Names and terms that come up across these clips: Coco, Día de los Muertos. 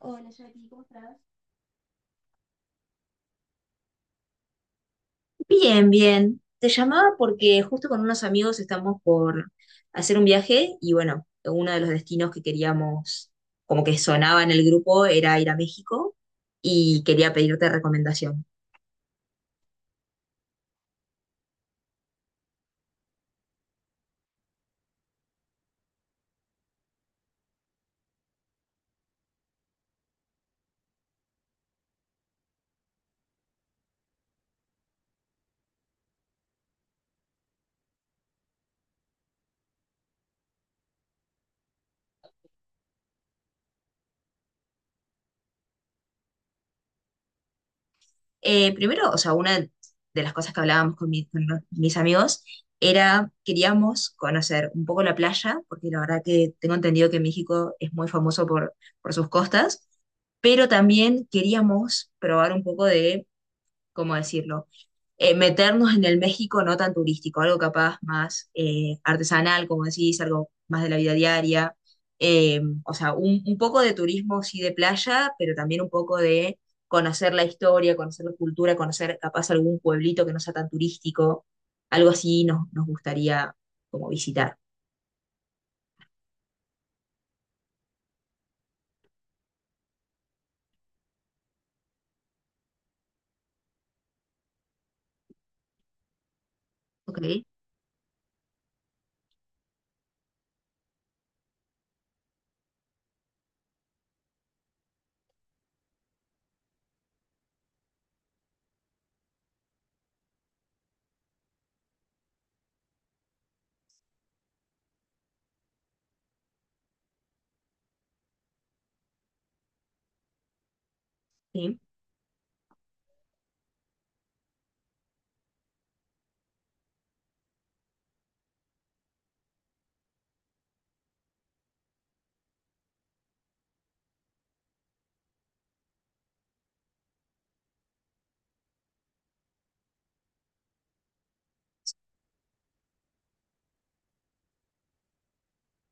Hola, Jackie, ¿cómo estás? Bien, bien. Te llamaba porque justo con unos amigos estamos por hacer un viaje y bueno, uno de los destinos que queríamos, como que sonaba en el grupo, era ir a México y quería pedirte recomendación. Primero, o sea, una de las cosas que hablábamos con mis amigos era, queríamos conocer un poco la playa, porque la verdad que tengo entendido que México es muy famoso por sus costas, pero también queríamos probar un poco de ¿cómo decirlo? Meternos en el México no tan turístico, algo capaz más artesanal, como decís, algo más de la vida diaria. Un poco de turismo, sí, de playa, pero también un poco de conocer la historia, conocer la cultura, conocer capaz algún pueblito que no sea tan turístico. Algo así nos gustaría como visitar. Ok, ¿sí?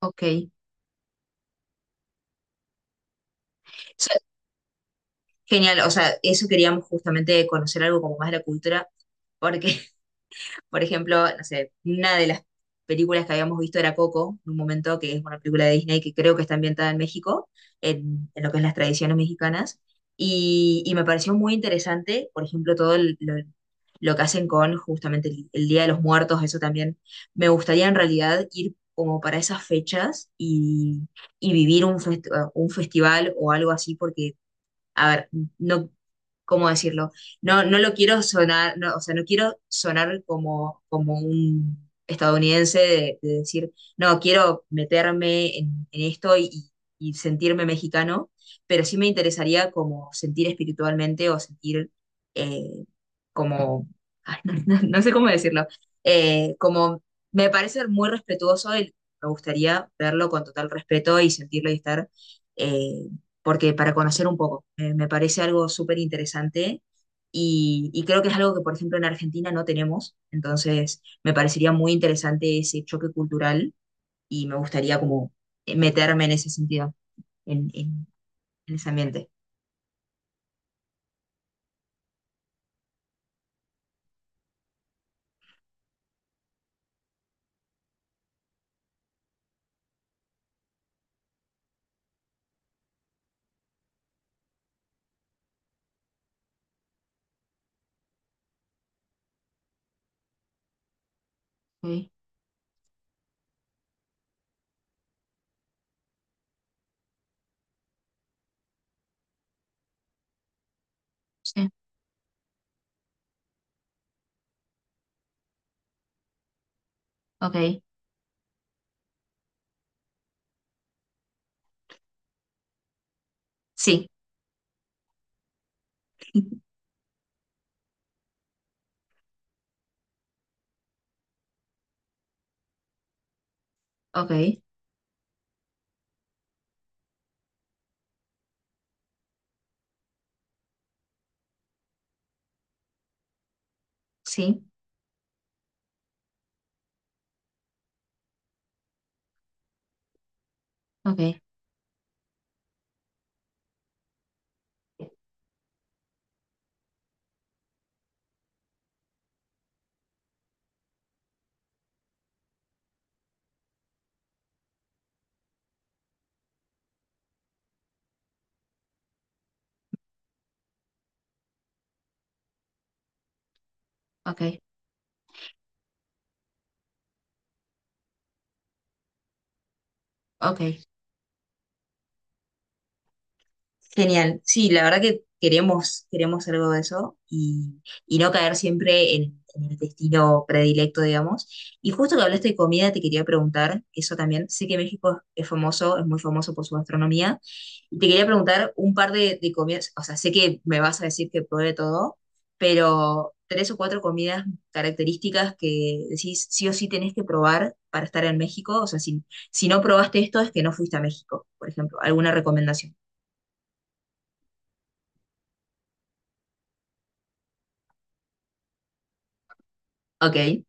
Ok. Eso es genial, o sea, eso queríamos justamente conocer algo como más de la cultura, porque, por ejemplo, no sé, una de las películas que habíamos visto era Coco, en un momento que es una película de Disney que creo que está ambientada en México, en lo que es las tradiciones mexicanas, y me pareció muy interesante, por ejemplo, lo que hacen con justamente el Día de los Muertos, eso también me gustaría en realidad ir como para esas fechas y vivir un festival o algo así, porque, a ver, no, ¿cómo decirlo? No, no lo quiero sonar, no, o sea, no quiero sonar como un estadounidense de decir, no, quiero meterme en esto y sentirme mexicano, pero sí me interesaría como sentir espiritualmente o sentir eh, como, ay, no sé cómo decirlo, como me parece muy respetuoso y me gustaría verlo con total respeto y sentirlo y estar... eh, porque para conocer un poco, me parece algo súper interesante y creo que es algo que, por ejemplo, en Argentina no tenemos, entonces me parecería muy interesante ese choque cultural y me gustaría como meterme en ese sentido, en, en, en ese ambiente. Ok, sí, ok, sí, ok, sí, ok, ok, ok. Genial. Sí, la verdad que queremos algo de eso y no caer siempre en el destino predilecto, digamos. Y justo que hablaste de comida, te quería preguntar eso también. Sé que México es famoso, es muy famoso por su gastronomía. Y te quería preguntar un par de comidas, o sea, sé que me vas a decir que pruebe todo, pero tres o cuatro comidas características que decís sí o sí tenés que probar para estar en México. O sea, si no probaste esto es que no fuiste a México, por ejemplo. ¿Alguna recomendación? Ok.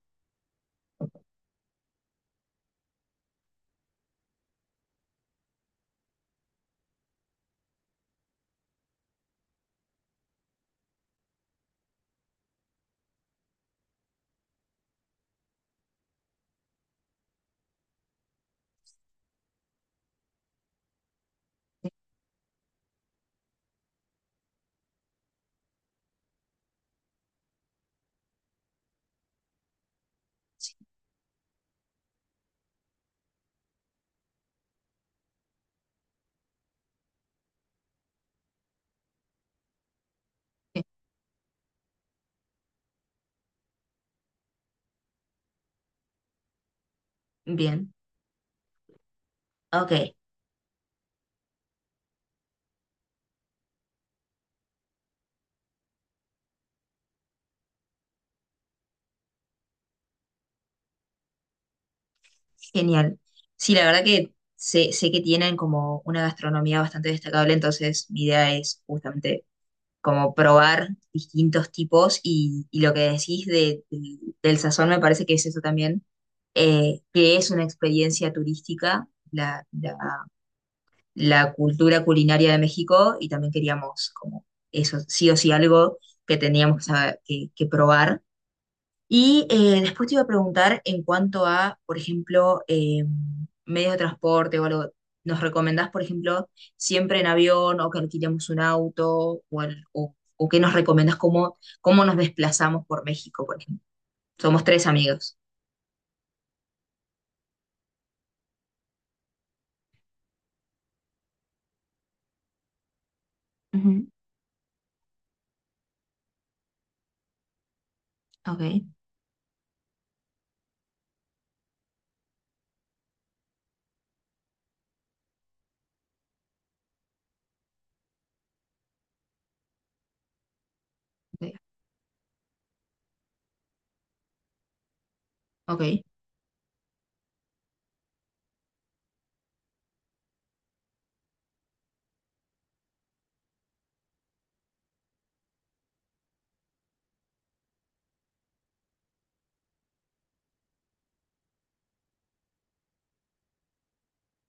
Bien, ok, genial. Sí, la verdad que sé que tienen como una gastronomía bastante destacable, entonces mi idea es justamente como probar distintos tipos y lo que decís del del sazón me parece que es eso también, que es una experiencia turística, la cultura culinaria de México y también queríamos como eso, sí o sí algo que teníamos que que probar. Y después te iba a preguntar en cuanto a, por ejemplo, medios de transporte o algo. ¿Nos recomendás, por ejemplo, siempre en avión o que alquilemos un auto? ¿O, o qué nos recomendás? Cómo nos desplazamos por México, por ejemplo? Somos tres amigos. Ujú, ok. Ok, ok,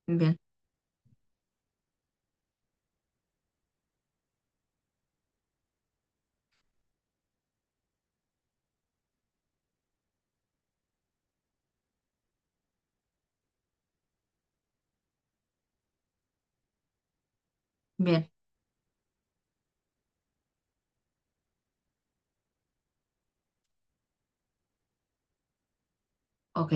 bien, bien, ok.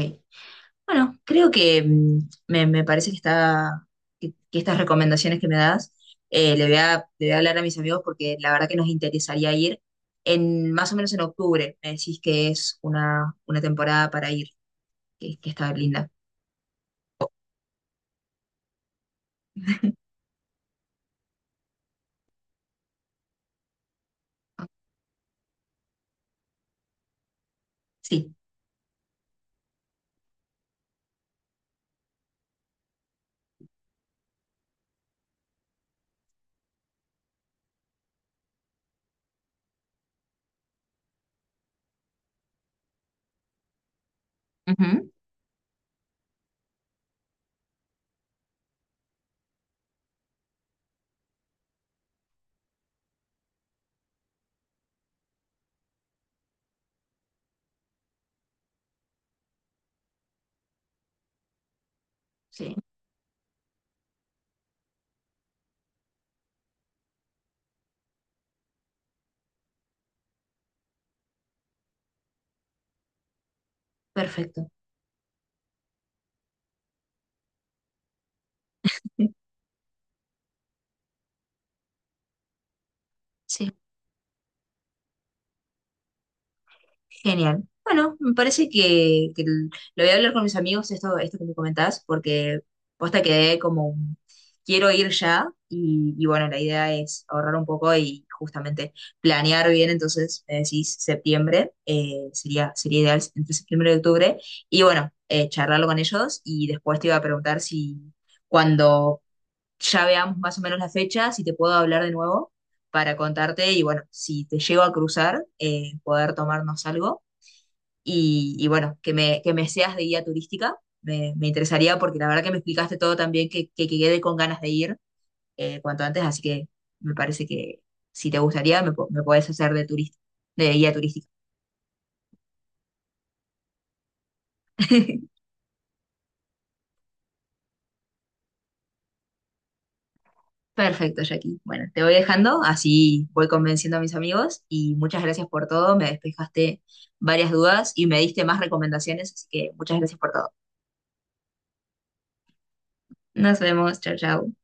Bueno, creo que me parece que estas recomendaciones que me das, le voy a hablar a mis amigos porque la verdad que nos interesaría ir en más o menos en octubre. Me decís que es una temporada para ir, que está linda. Sí. Ujú. Sí, perfecto. Sí. Genial. Bueno, me parece que lo voy a hablar con mis amigos, esto que me comentás, porque posta quedé quiero ir ya y bueno, la idea es ahorrar un poco y justamente planear bien, entonces me decís septiembre, sería ideal entre septiembre y octubre, y bueno, charlarlo con ellos y después te iba a preguntar si cuando ya veamos más o menos la fecha, si te puedo hablar de nuevo para contarte y bueno, si te llego a cruzar, poder tomarnos algo y bueno, que me seas de guía turística, me interesaría porque la verdad que me explicaste todo también, que quedé con ganas de ir cuanto antes, así que me parece que si te gustaría me puedes hacer de guía turística. Perfecto, Jackie. Bueno, te voy dejando, así voy convenciendo a mis amigos y muchas gracias por todo, me despejaste varias dudas y me diste más recomendaciones, así que muchas gracias por todo. Nos vemos, chao, chao.